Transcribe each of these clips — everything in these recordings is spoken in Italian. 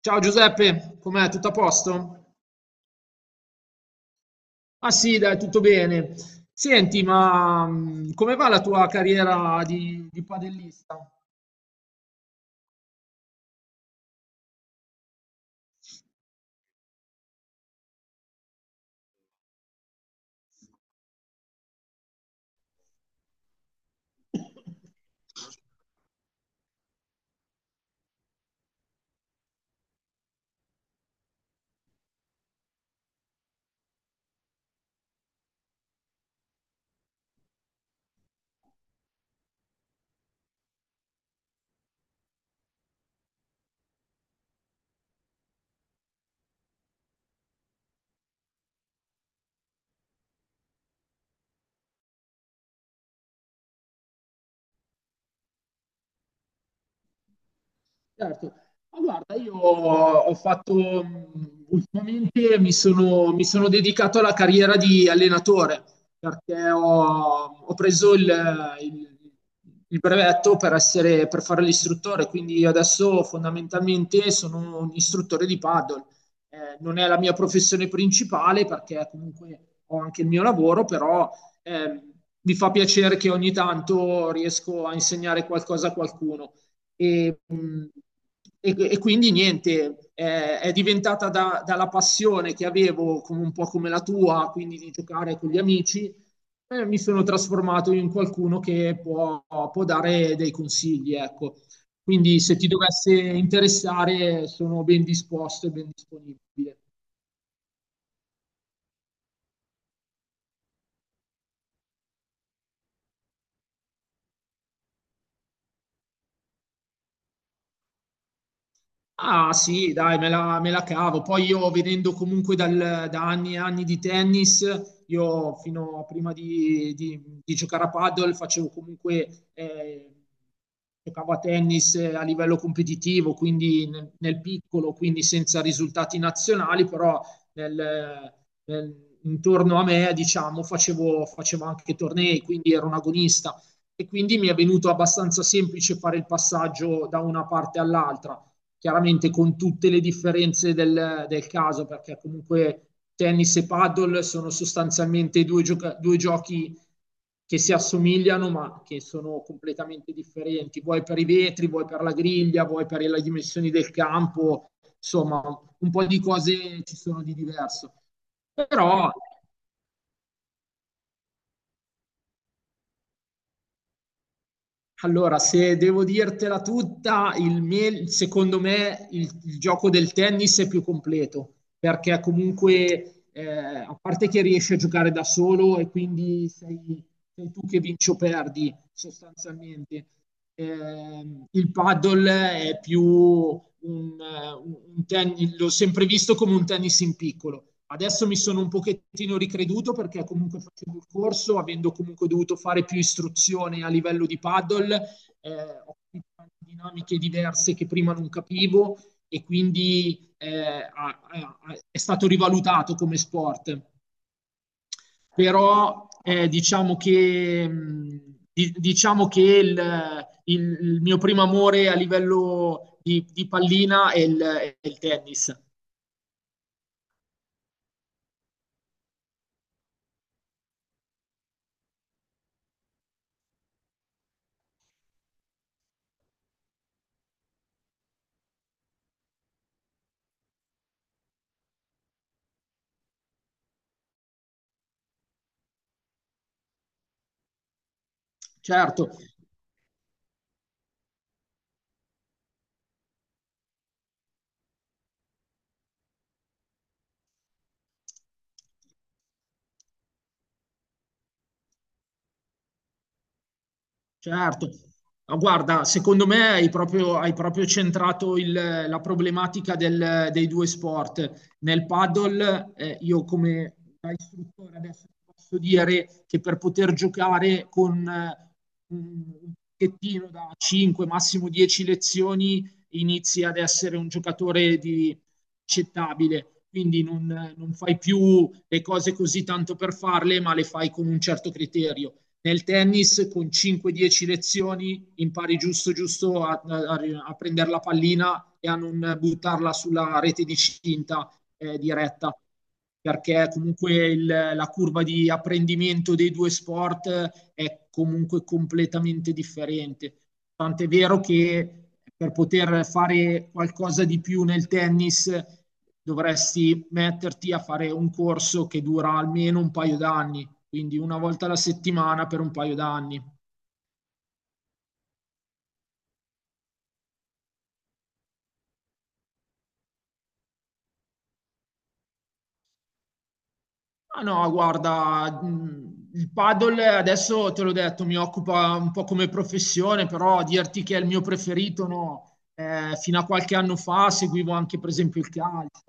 Ciao Giuseppe, com'è? Tutto a posto? Ah sì, dai, tutto bene. Senti, come va la tua carriera di padellista? Certo. Ma guarda, io ho fatto ultimamente mi sono dedicato alla carriera di allenatore perché ho preso il- il brevetto per essere, per fare l'istruttore, quindi io adesso fondamentalmente sono un istruttore di paddle. Non è la mia professione principale perché comunque ho anche il mio lavoro, però ehm, mi fa piacere che ogni tanto riesco a insegnare qualcosa a qualcuno. E, mh, e quindi niente, è diventata dalla passione che avevo, come un po' come la tua, quindi di giocare con gli amici, mi sono trasformato in qualcuno può dare dei consigli, ecco. Quindi se ti dovesse interessare, sono ben disposto e ben disponibile. Ah sì, dai, me la cavo. Poi io venendo comunque da anni e anni di tennis, io fino a prima di, di giocare a paddle facevo comunque, giocavo a tennis a livello competitivo, quindi nel, nel piccolo, quindi senza risultati nazionali, però nel- intorno a me, diciamo, facevo anche tornei, quindi ero un agonista e quindi mi è venuto abbastanza semplice fare il passaggio da una parte all'altra chiaramente con tutte le differenze del, del caso, perché comunque tennis e paddle sono sostanzialmente due giochi che si assomigliano ma che sono completamente differenti, vuoi per i vetri, vuoi per la griglia, vuoi per le dimensioni del campo, insomma un po' di cose ci sono di diverso. Però allora, se devo dirtela tutta, secondo me il gioco del tennis è più completo, perché comunque, a parte che riesci a giocare da solo e quindi sei, sei tu che vinci o perdi, sostanzialmente. Il paddle è più, un tennis, l'ho sempre visto come un tennis in piccolo. Adesso mi sono un pochettino ricreduto perché comunque facevo il corso, avendo comunque dovuto fare più istruzione a livello di paddle, eh, ho capito dinamiche diverse che prima non capivo e quindi è stato rivalutato come sport però diciamo che il, il mio primo amore a livello di pallina è il tennis. Certo. Certo. Ma guarda, secondo me hai proprio centrato la problematica dei due sport. Nel paddle, io come da istruttore adesso ti posso dire che per poter giocare con un pacchettino da 5, massimo 10 lezioni, inizi ad essere un giocatore di accettabile. Quindi non fai più le cose così tanto per farle, ma le fai con un certo criterio. Nel tennis con 5-10 lezioni impari giusto giusto a prendere la pallina e a non buttarla sulla rete di cinta diretta perché comunque il, la curva di apprendimento dei due sport è comunque completamente differente. Tant'è vero che per poter fare qualcosa di più nel tennis dovresti metterti a fare un corso che dura almeno un paio d'anni quindi una volta alla settimana per un paio d'anni. Ah no, guarda, il paddle adesso te l'ho detto, mi occupa un po' come professione, però dirti che è il mio preferito, no. Fino a qualche anno fa seguivo anche per esempio il calcio,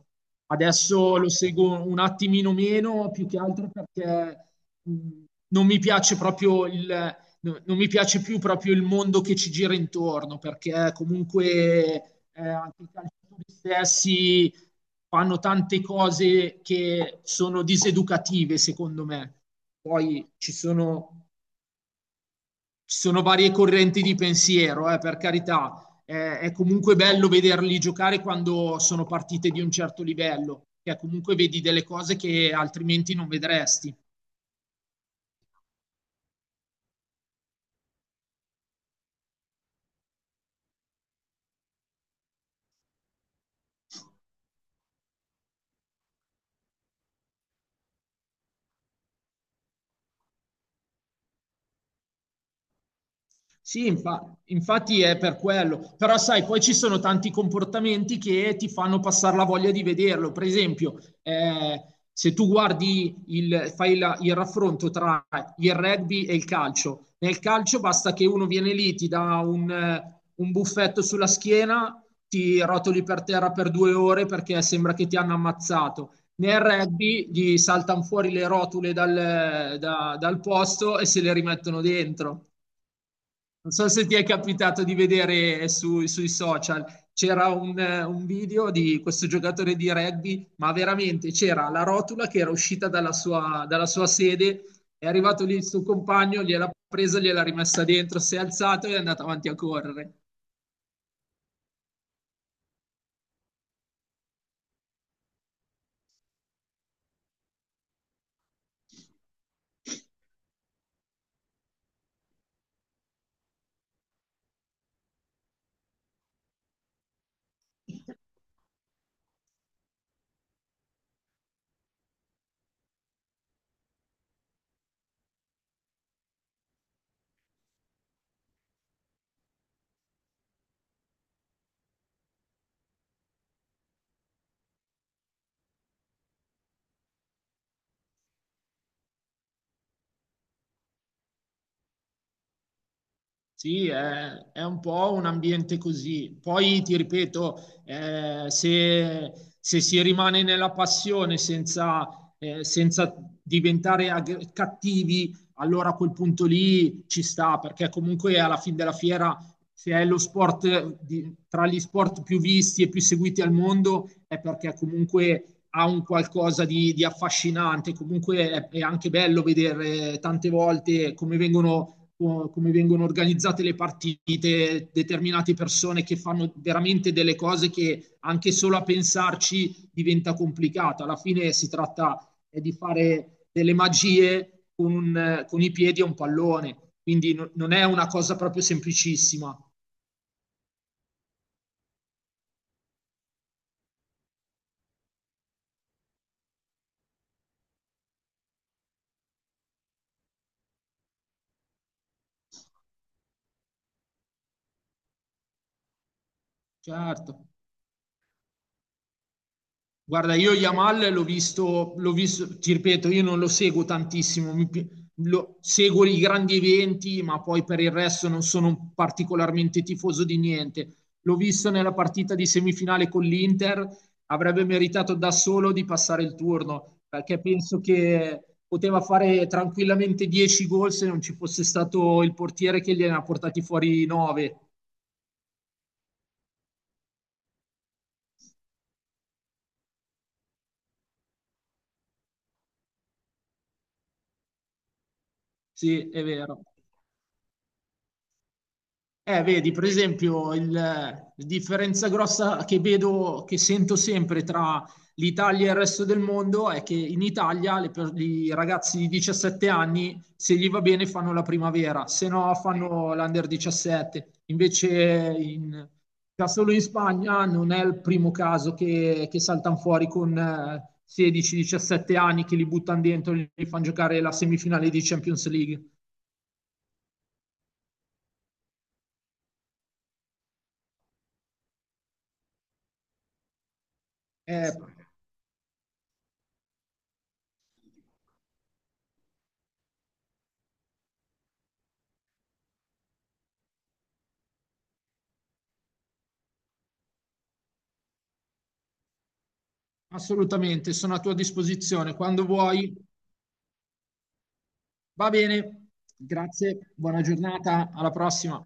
adesso lo seguo un attimino meno, più che altro perché mh, non mi piace proprio il, non mi piace più proprio il mondo che ci gira intorno, perché comunque anche i calciatori stessi fanno tante cose che sono diseducative, secondo me. Poi ci sono varie correnti di pensiero, per carità. È comunque bello vederli giocare quando sono partite di un certo livello, che comunque vedi delle cose che altrimenti non vedresti. Sì, infatti è per quello, però sai, poi ci sono tanti comportamenti che ti fanno passare la voglia di vederlo. Per esempio, se tu guardi il, il raffronto tra il rugby e il calcio, nel calcio basta che uno viene lì, ti dà un buffetto sulla schiena, ti rotoli per terra per due ore perché sembra che ti hanno ammazzato. Nel rugby gli saltano fuori le rotule dal posto e se le rimettono dentro. Non so se ti è capitato di vedere sui social, c'era un video di questo giocatore di rugby, ma veramente c'era la rotola che era uscita dalla sua sede, è arrivato lì il suo compagno, gliel'ha presa, gliel'ha rimessa dentro, si è alzato e è andato avanti a correre. Sì, è un po' un ambiente così. Poi ti ripeto, se si rimane nella passione senza diventare cattivi, allora a quel punto lì ci sta, perché comunque alla fine della fiera, se è lo sport tra gli sport più visti e più seguiti al mondo, è perché comunque ha un qualcosa di affascinante. Comunque è anche bello vedere tante volte come vengono organizzate le partite, determinate persone che fanno veramente delle cose che anche solo a pensarci diventa complicata. Alla fine si tratta di fare delle magie con, un, con i piedi a un pallone, quindi no, non è una cosa proprio semplicissima. Certo. Guarda, io Yamal l'ho visto, ti ripeto, io non lo seguo tantissimo, seguo i grandi eventi, ma poi per il resto non sono particolarmente tifoso di niente. L'ho visto nella partita di semifinale con l'Inter, avrebbe meritato da solo di passare il turno, perché penso che poteva fare tranquillamente 10 gol se non ci fosse stato il portiere che gliene ha portati fuori 9. Sì, è vero. Vedi, per esempio, la differenza grossa che vedo, che sento sempre tra l'Italia e il resto del mondo è che in Italia i ragazzi di 17 anni, se gli va bene, fanno la primavera, se no fanno l'under 17. Invece in, da solo in Spagna non è il primo caso che saltano fuori con 16-17 anni, che li buttano dentro e li fanno giocare la semifinale di Champions League. Eh, Assolutamente, sono a tua disposizione quando vuoi. Va bene, grazie, buona giornata, alla prossima.